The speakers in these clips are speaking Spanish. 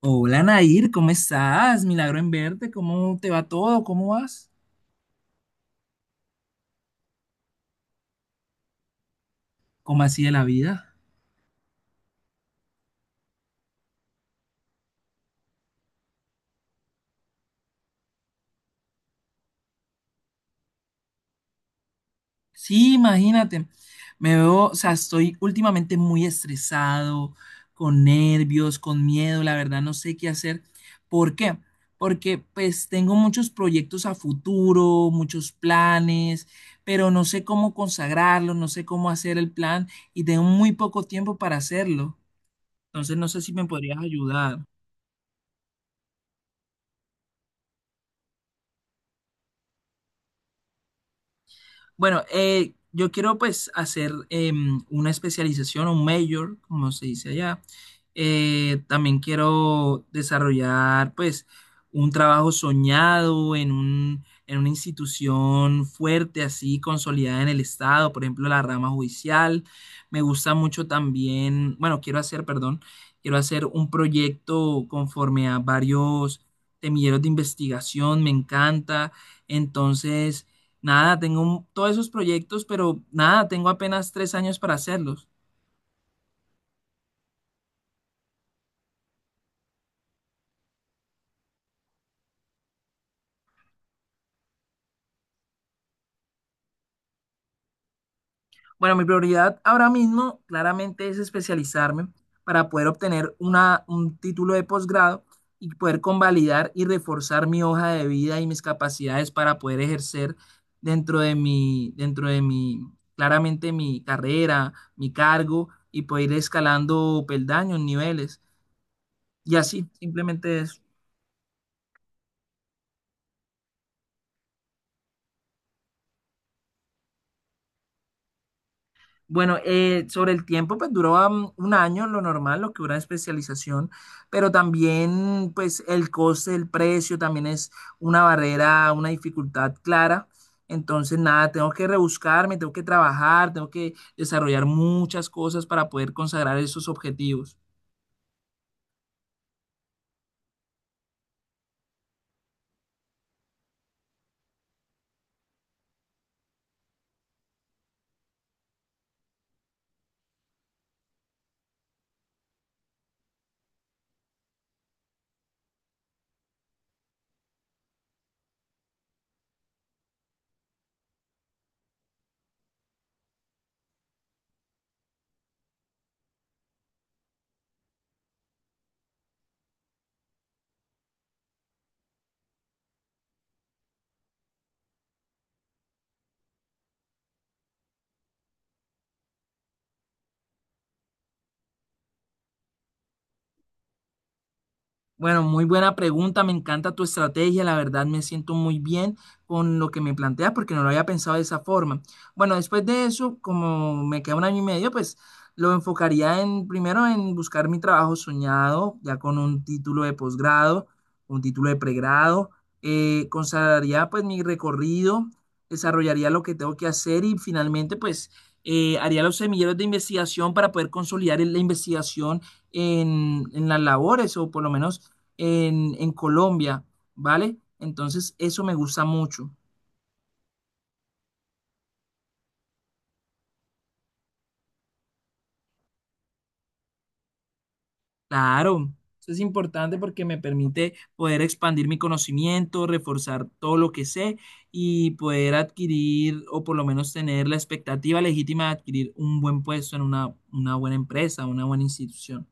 Hola Nair, ¿cómo estás? Milagro en verte, ¿cómo te va todo? ¿Cómo vas? ¿Cómo así de la vida? Sí, imagínate, me veo, o sea, estoy últimamente muy estresado, con nervios, con miedo, la verdad no sé qué hacer. ¿Por qué? Porque pues tengo muchos proyectos a futuro, muchos planes, pero no sé cómo consagrarlo, no sé cómo hacer el plan y tengo muy poco tiempo para hacerlo. Entonces no sé si me podrías ayudar. Bueno, yo quiero pues hacer una especialización, un major, como se dice allá. También quiero desarrollar pues un trabajo soñado en una institución fuerte, así consolidada en el Estado, por ejemplo, la rama judicial. Me gusta mucho también, bueno, quiero hacer, perdón, quiero hacer un proyecto conforme a varios semilleros de investigación, me encanta. Entonces, nada, todos esos proyectos, pero nada, tengo apenas 3 años para hacerlos. Bueno, mi prioridad ahora mismo claramente es especializarme para poder obtener un título de posgrado y poder convalidar y reforzar mi hoja de vida y mis capacidades para poder ejercer dentro de mi, claramente mi carrera, mi cargo y poder ir escalando peldaños, niveles. Y así, simplemente eso. Bueno, sobre el tiempo, pues duró un año, lo normal, lo que dura especialización, pero también, pues el coste, el precio, también es una barrera, una dificultad clara. Entonces, nada, tengo que rebuscarme, tengo que trabajar, tengo que desarrollar muchas cosas para poder consagrar esos objetivos. Bueno, muy buena pregunta, me encanta tu estrategia, la verdad me siento muy bien con lo que me planteas porque no lo había pensado de esa forma. Bueno, después de eso, como me queda un año y medio, pues lo enfocaría en primero en buscar mi trabajo soñado, ya con un título de posgrado, un título de pregrado, consagraría pues mi recorrido, desarrollaría lo que tengo que hacer y finalmente pues haría los semilleros de investigación para poder consolidar la investigación en las labores o por lo menos en Colombia, ¿vale? Entonces, eso me gusta mucho. Claro, eso es importante porque me permite poder expandir mi conocimiento, reforzar todo lo que sé y poder adquirir o por lo menos tener la expectativa legítima de adquirir un buen puesto en una buena empresa, una buena institución.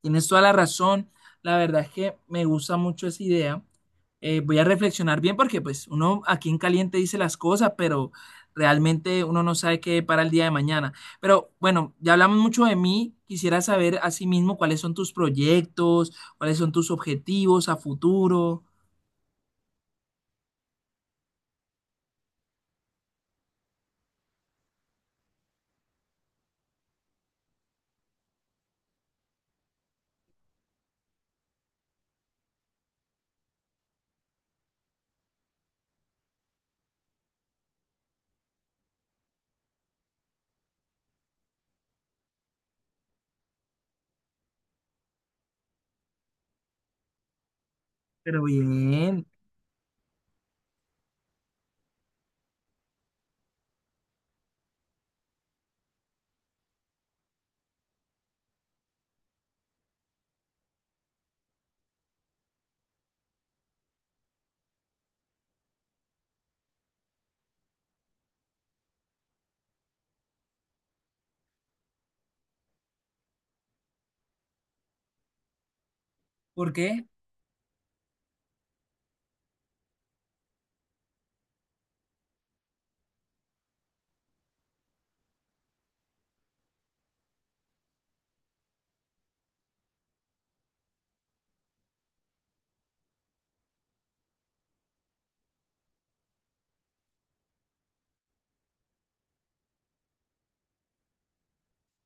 Tienes toda la razón. La verdad es que me gusta mucho esa idea. Voy a reflexionar bien porque pues uno aquí en caliente dice las cosas, pero realmente uno no sabe qué para el día de mañana. Pero bueno, ya hablamos mucho de mí. Quisiera saber asimismo cuáles son tus proyectos, cuáles son tus objetivos a futuro. Pero bien, ¿por qué?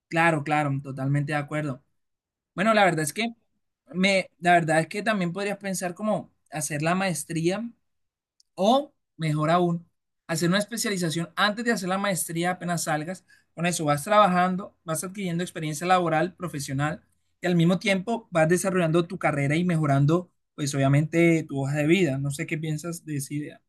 Claro, claro, totalmente de acuerdo. Bueno, la verdad es que también podrías pensar como hacer la maestría. O, mejor aún, hacer una especialización antes de hacer la maestría apenas salgas. Con eso vas trabajando, vas adquiriendo experiencia laboral, profesional y al mismo tiempo vas desarrollando tu carrera y mejorando, pues obviamente, tu hoja de vida. No sé qué piensas de esa idea.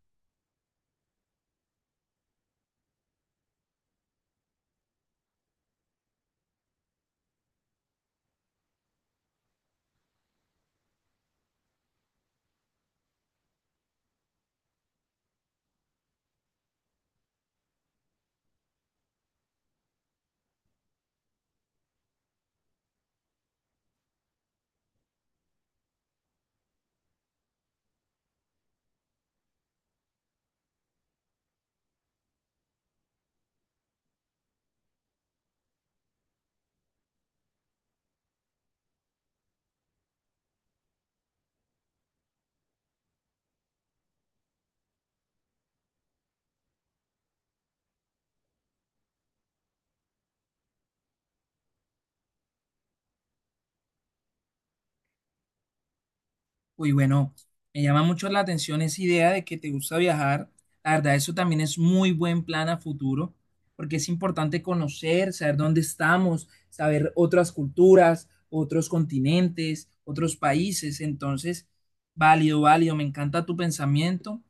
Uy, bueno, me llama mucho la atención esa idea de que te gusta viajar. La verdad, eso también es muy buen plan a futuro, porque es importante conocer, saber dónde estamos, saber otras culturas, otros continentes, otros países. Entonces, válido, válido, me encanta tu pensamiento,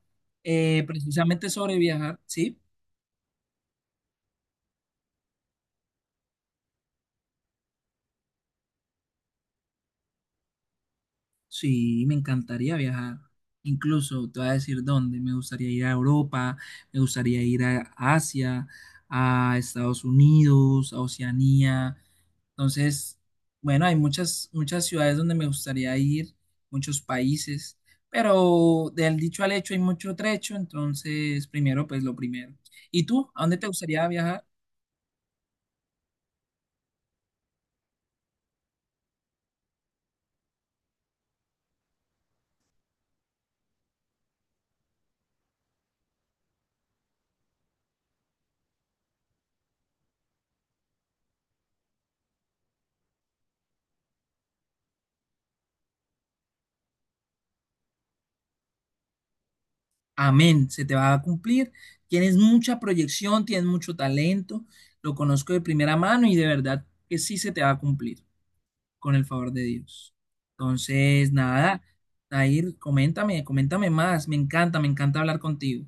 precisamente sobre viajar, ¿sí? Sí, me encantaría viajar. Incluso te voy a decir dónde. Me gustaría ir a Europa, me gustaría ir a Asia, a Estados Unidos, a Oceanía. Entonces, bueno, hay muchas, muchas ciudades donde me gustaría ir, muchos países, pero del dicho al hecho hay mucho trecho, entonces primero, pues lo primero. ¿Y tú? ¿A dónde te gustaría viajar? Amén, se te va a cumplir. Tienes mucha proyección, tienes mucho talento, lo conozco de primera mano y de verdad que sí se te va a cumplir con el favor de Dios. Entonces, nada, Dair, coméntame, coméntame más, me encanta hablar contigo.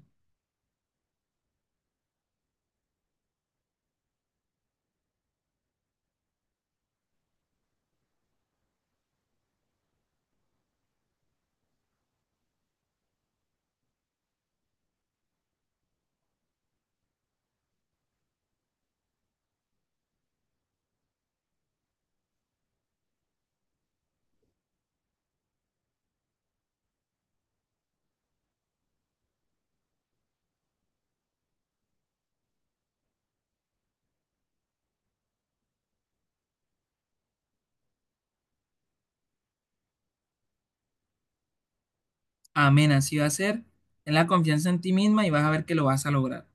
Amén, así va a ser. Ten la confianza en ti misma y vas a ver que lo vas a lograr.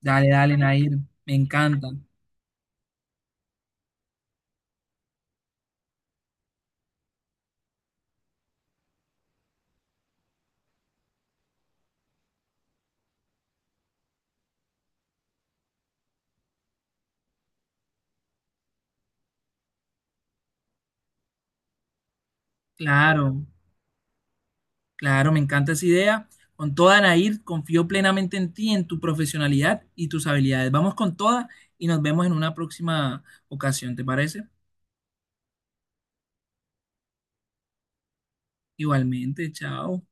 Dale, dale, Nair, me encanta. Claro. Claro, me encanta esa idea. Con toda, Nair, confío plenamente en ti, en tu profesionalidad y tus habilidades. Vamos con toda y nos vemos en una próxima ocasión, ¿te parece? Igualmente, chao.